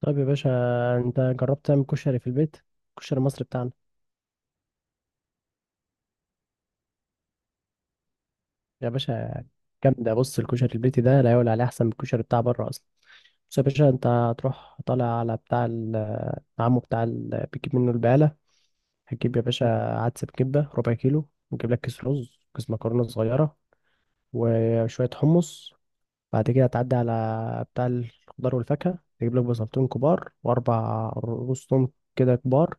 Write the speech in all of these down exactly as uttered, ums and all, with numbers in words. طيب يا باشا، انت جربت تعمل كشري في البيت؟ الكشري المصري بتاعنا. يا باشا جامده، بص الكشري البيتي ده لا يقول عليه احسن من الكشري بتاع بره اصلا. بص يا باشا، انت هتروح طالع على بتاع ال- عمو بتاع ال- بيجيب منه البقاله. هتجيب يا باشا عدس بكبه ربع كيلو، وتجيب لك كيس رز، كيس مكرونه صغيره، وشويه حمص. بعد كده هتعدي على بتاع الخضار والفاكهه، تجيب لك بصلتين كبار واربع رز توم كده كبار.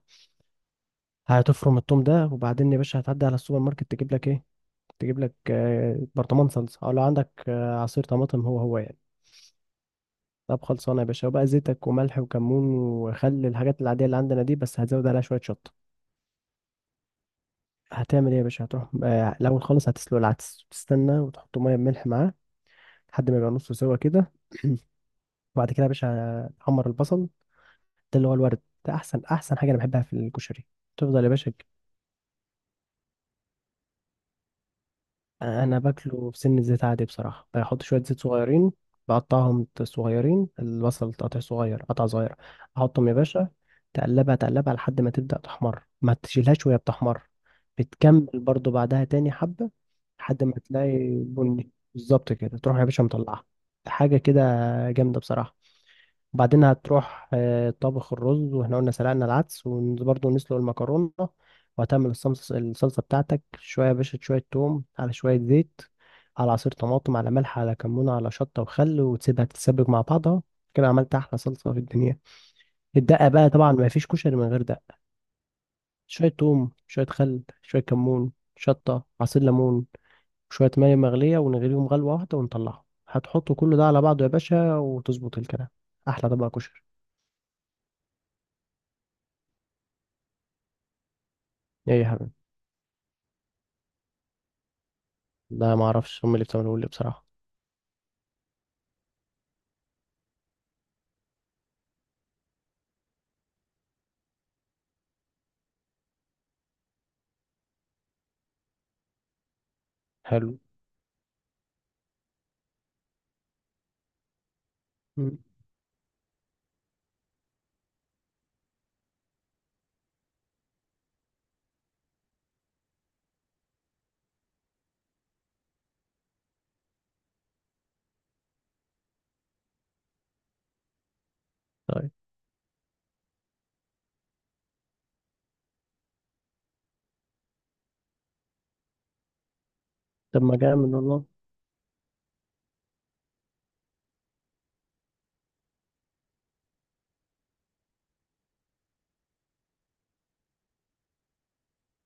هتفرم التوم ده، وبعدين يا باشا هتعدي على السوبر ماركت تجيب لك ايه؟ تجيب لك آه، برطمان صلصه، او لو عندك آه، عصير طماطم، هو هو يعني. طب خلصانه يا باشا، وبقى زيتك وملح وكمون وخل، الحاجات العاديه اللي عندنا دي، بس هتزود عليها شويه شطه. هتعمل ايه يا باشا؟ هتروح آه، الاول خالص هتسلق العدس، تستنى وتحط ميه بملح معاه لحد ما يبقى نصه سوا كده. وبعد كده يا باشا تحمر البصل، ده اللي هو الورد، ده احسن احسن حاجه انا بحبها في الكشري. تفضل يا باشا. انا باكله بسن زيت عادي بصراحه، بحط شويه زيت صغيرين. بقطعهم صغيرين، البصل تقطع صغير، قطع صغير. احطهم يا باشا، تقلبها تقلبها لحد ما تبدا تحمر، ما تشيلهاش وهي بتحمر، بتكمل برضو بعدها تاني حبه. لحد ما تلاقي بني بالظبط كده تروح يا باشا مطلعها، حاجه كده. جامده بصراحه. وبعدين هتروح آه، طبخ الرز، واحنا قلنا سلقنا العدس، وبرضه نسلق المكرونة. وهتعمل الصمص- الصلصة بتاعتك، شوية يا باشا شوية توم على شوية زيت، على عصير طماطم، على ملح، على كمون، على شطة وخل، وتسيبها تتسبك مع بعضها. كده عملت أحلى صلصة في الدنيا. الدقة بقى طبعا ما فيش كشري من غير دقة. شوية توم، شوية خل، شوية كمون، شطة، عصير ليمون، شوية مية مغلية، ونغليهم غلوة واحدة ونطلعهم. هتحط كل ده على بعضه يا باشا وتظبط الكلام، أحلى طبق كشري. إيه يا حبيبي؟ لا ما اعرفش، هم اللي بتعملوا لي بصراحة. حلو. مم. طيب. طب ما جامد والله.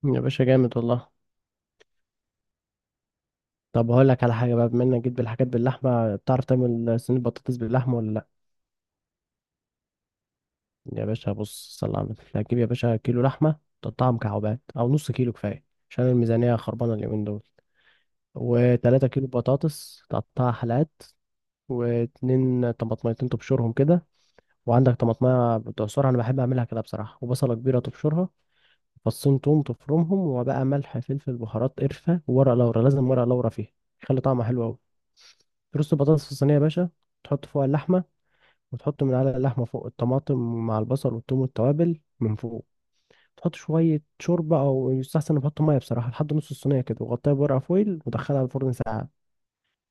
يا باشا جامد والله. طب هقول لك على حاجة بقى، بما انك جيت بالحاجات باللحمة، بتعرف تعمل صينية بطاطس باللحمة ولا لا؟ يا باشا بص، صل على النبي، هتجيب يا باشا كيلو لحمة تقطعها مكعبات، او نص كيلو كفاية عشان الميزانية خربانة اليومين دول. وتلاتة كيلو بطاطس تقطعها حلقات، واتنين طماطميتين تبشرهم كده، وعندك طماطمية بتعصرها، انا بحب اعملها كده بصراحة، وبصلة كبيرة تبشرها، فصين توم تفرمهم، وبقى ملح فلفل بهارات قرفة وورق لورا، لازم ورق لورا فيها، يخلي طعمها حلو أوي. ترص البطاطس في الصينية يا باشا، تحط فوقها اللحمة، وتحط من على اللحمة فوق الطماطم مع البصل والثوم والتوابل من فوق. تحط شوية شوربة أو يستحسن نحط مية بصراحة لحد نص الصينية كده، وغطيها بورقة فويل ودخلها الفرن ساعة.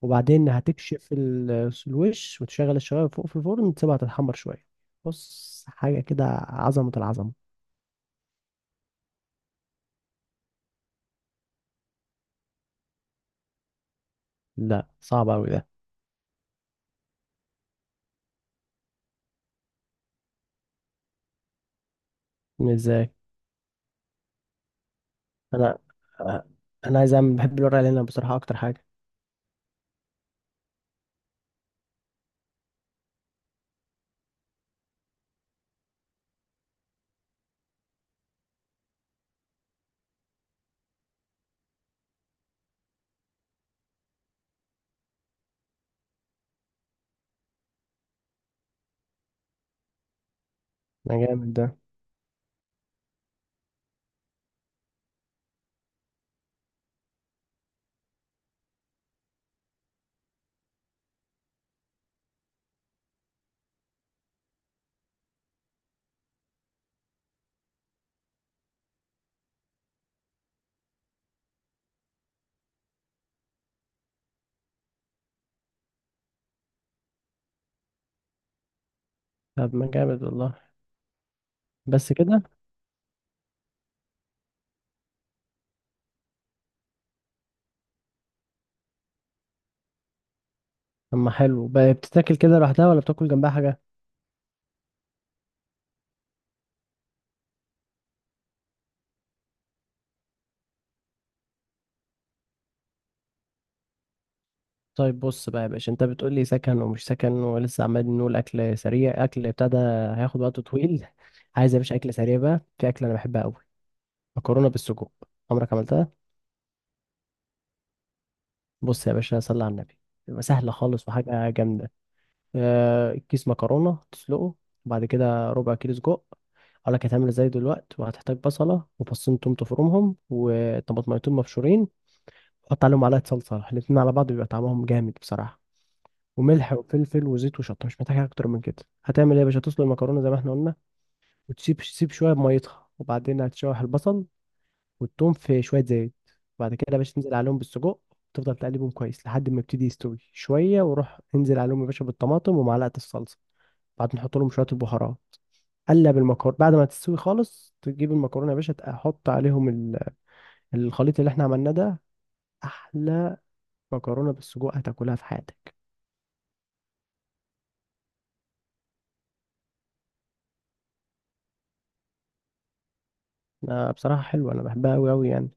وبعدين هتكشف ال- الوش، وتشغل الشواية فوق في الفرن، تسيبها تتحمر شوية. بص حاجة كده، عظمة العظمة. لا صعب أوي ده. ازاي؟ انا انا عايز اعمل، بحب الورق العنب بصراحه اكتر حاجه. ده جامد ده. طب ما جامد والله. بس كده؟ اما حلو بقى، بتتاكل كده لوحدها ولا بتاكل جنبها حاجه؟ طيب بص بقى يا باشا، انت بتقول لي سكن ومش سكن، ولسه عمال نقول اكل سريع، اكل ابتدى هياخد وقت طويل. عايز يا باشا اكل سريع بقى. في اكل انا بحبها قوي، مكرونه بالسجق. عمرك عملتها؟ بص يا باشا صلي على النبي، بتبقى سهله خالص وحاجه جامده. آه، كيس مكرونة تسلقه، وبعد كده ربع كيلو سجق، اقول لك هتعمل ازاي دلوقتي. وهتحتاج بصلة وفصين توم تفرمهم، وطماطميتين مبشورين، وحط عليهم معلقة صلصة، الاتنين على بعض بيبقى طعمهم جامد بصراحة. وملح وفلفل وزيت وشطة، مش محتاج حاجة اكتر من كده. هتعمل ايه يا باشا؟ تسلق المكرونة زي ما احنا قلنا، وتسيب تسيب شوية بميتها، وبعدين هتشوح البصل والتوم في شوية زيت. بعد كده يا باشا تنزل عليهم بالسجق، تفضل تقلبهم كويس لحد ما يبتدي يستوي شوية، وروح انزل عليهم يا باشا بالطماطم ومعلقة الصلصة، بعدين نحط لهم شويه البهارات. قلب المكرونه، بعد ما تستوي خالص تجيب المكرونه يا باشا تحط عليهم ال- الخليط اللي احنا عملناه ده، احلى مكرونه بالسجق هتاكلها في حياتك. أنا بصراحه حلوه، انا بحبها قوي قوي يعني.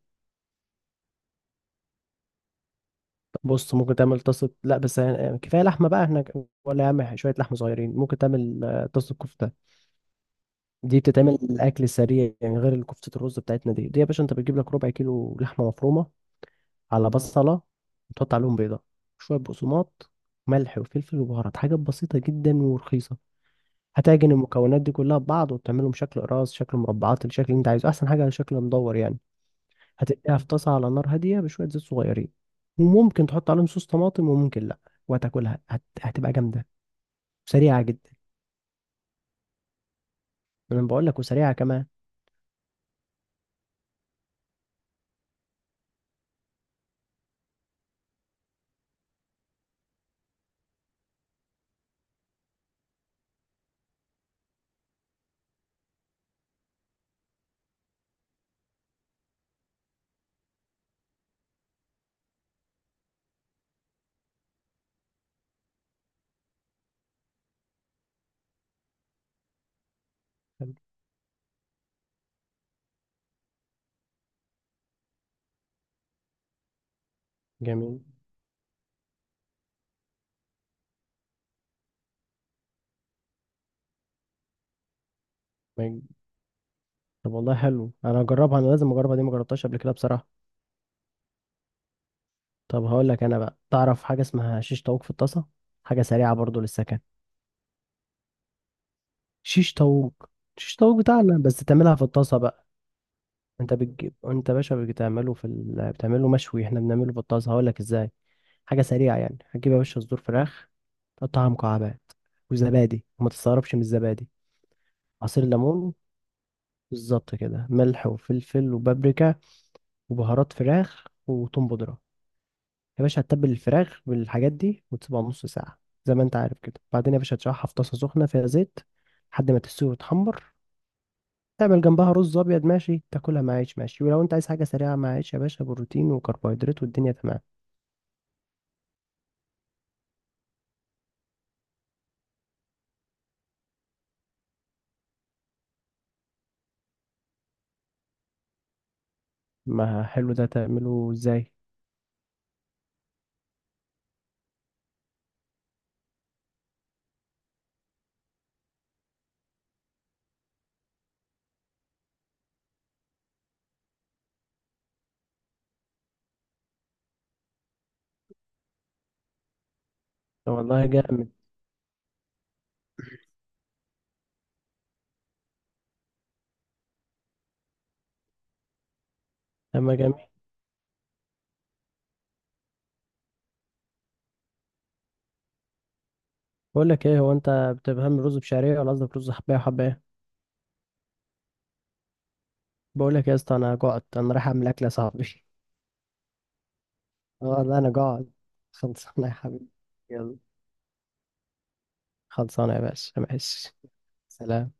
بص ممكن تعمل طاسه، لا بس يعني يعني كفايه لحمه بقى احنا، ولا يا عم شويه لحمه صغيرين ممكن تعمل آه، طاسه كفته. دي بتتعمل الاكل السريع يعني، غير الكفته الرز بتاعتنا دي دي يا باشا، انت بتجيب لك ربع كيلو لحمه مفرومه، على بصلة، وتحط عليهم بيضة، شوية بقسماط، ملح وفلفل وبهارات، حاجات بسيطة جدا ورخيصة. هتعجن المكونات دي كلها ببعض، وتعملهم شكل قراص، شكل مربعات، الشكل اللي انت عايزه، احسن حاجة شكل مدور يعني. هتقليها في طاسة على نار هادية بشوية زيت صغيرين، وممكن تحط عليهم صوص طماطم وممكن لا. وهتاكلها هت... هتبقى جامدة وسريعة جدا. انا بقول لك، وسريعة كمان. جميل. ما- طب والله حلو، انا هجربها، انا لازم اجربها دي، ما جربتهاش قبل كده بصراحة. طب هقول لك انا بقى، تعرف حاجه اسمها شيش طاووق في الطاسه؟ حاجه سريعه برضو للسكن. شيش طاووق. شيش طاووق بتاعنا، بس تعملها في الطاسه بقى. انت بتجيب، انت يا باشا بتعمله في ال... بتعمله مشوي، احنا بنعمله في الطاسه، هقول لك ازاي. حاجه سريعه يعني. هتجيب يا باشا صدور فراخ، تقطعها مكعبات، وزبادي، وما تستغربش من الزبادي، عصير ليمون، بالظبط كده، ملح وفلفل وبابريكا وبهارات فراخ وتوم بودرة. يا باشا هتتبل الفراخ بالحاجات دي وتسيبها نص ساعة زي ما انت عارف كده. بعدين يا باشا هتشرحها في طاسة سخنة فيها زيت لحد ما تستوي وتحمر. تعمل جنبها رز أبيض ماشي، تاكلها مع عيش ماشي، ولو انت عايز حاجة سريعة مع عيش يا باشا، بروتين وكربوهيدرات، والدنيا تمام. ما حلو ده، تعمله ازاي؟ ده والله جامد. اما جميل. بقول لك ايه هو، انت بتفهم رز بشعرية ولا قصدك رز حباية وحباية ايه؟ بقول لك يا اسطى انا جعت، انا رايح اعمل اكل يا صاحبي اه والله انا جعت. خلصانة يا حبيبي. يلا، خلصانة يا باشا ماشي. سلام.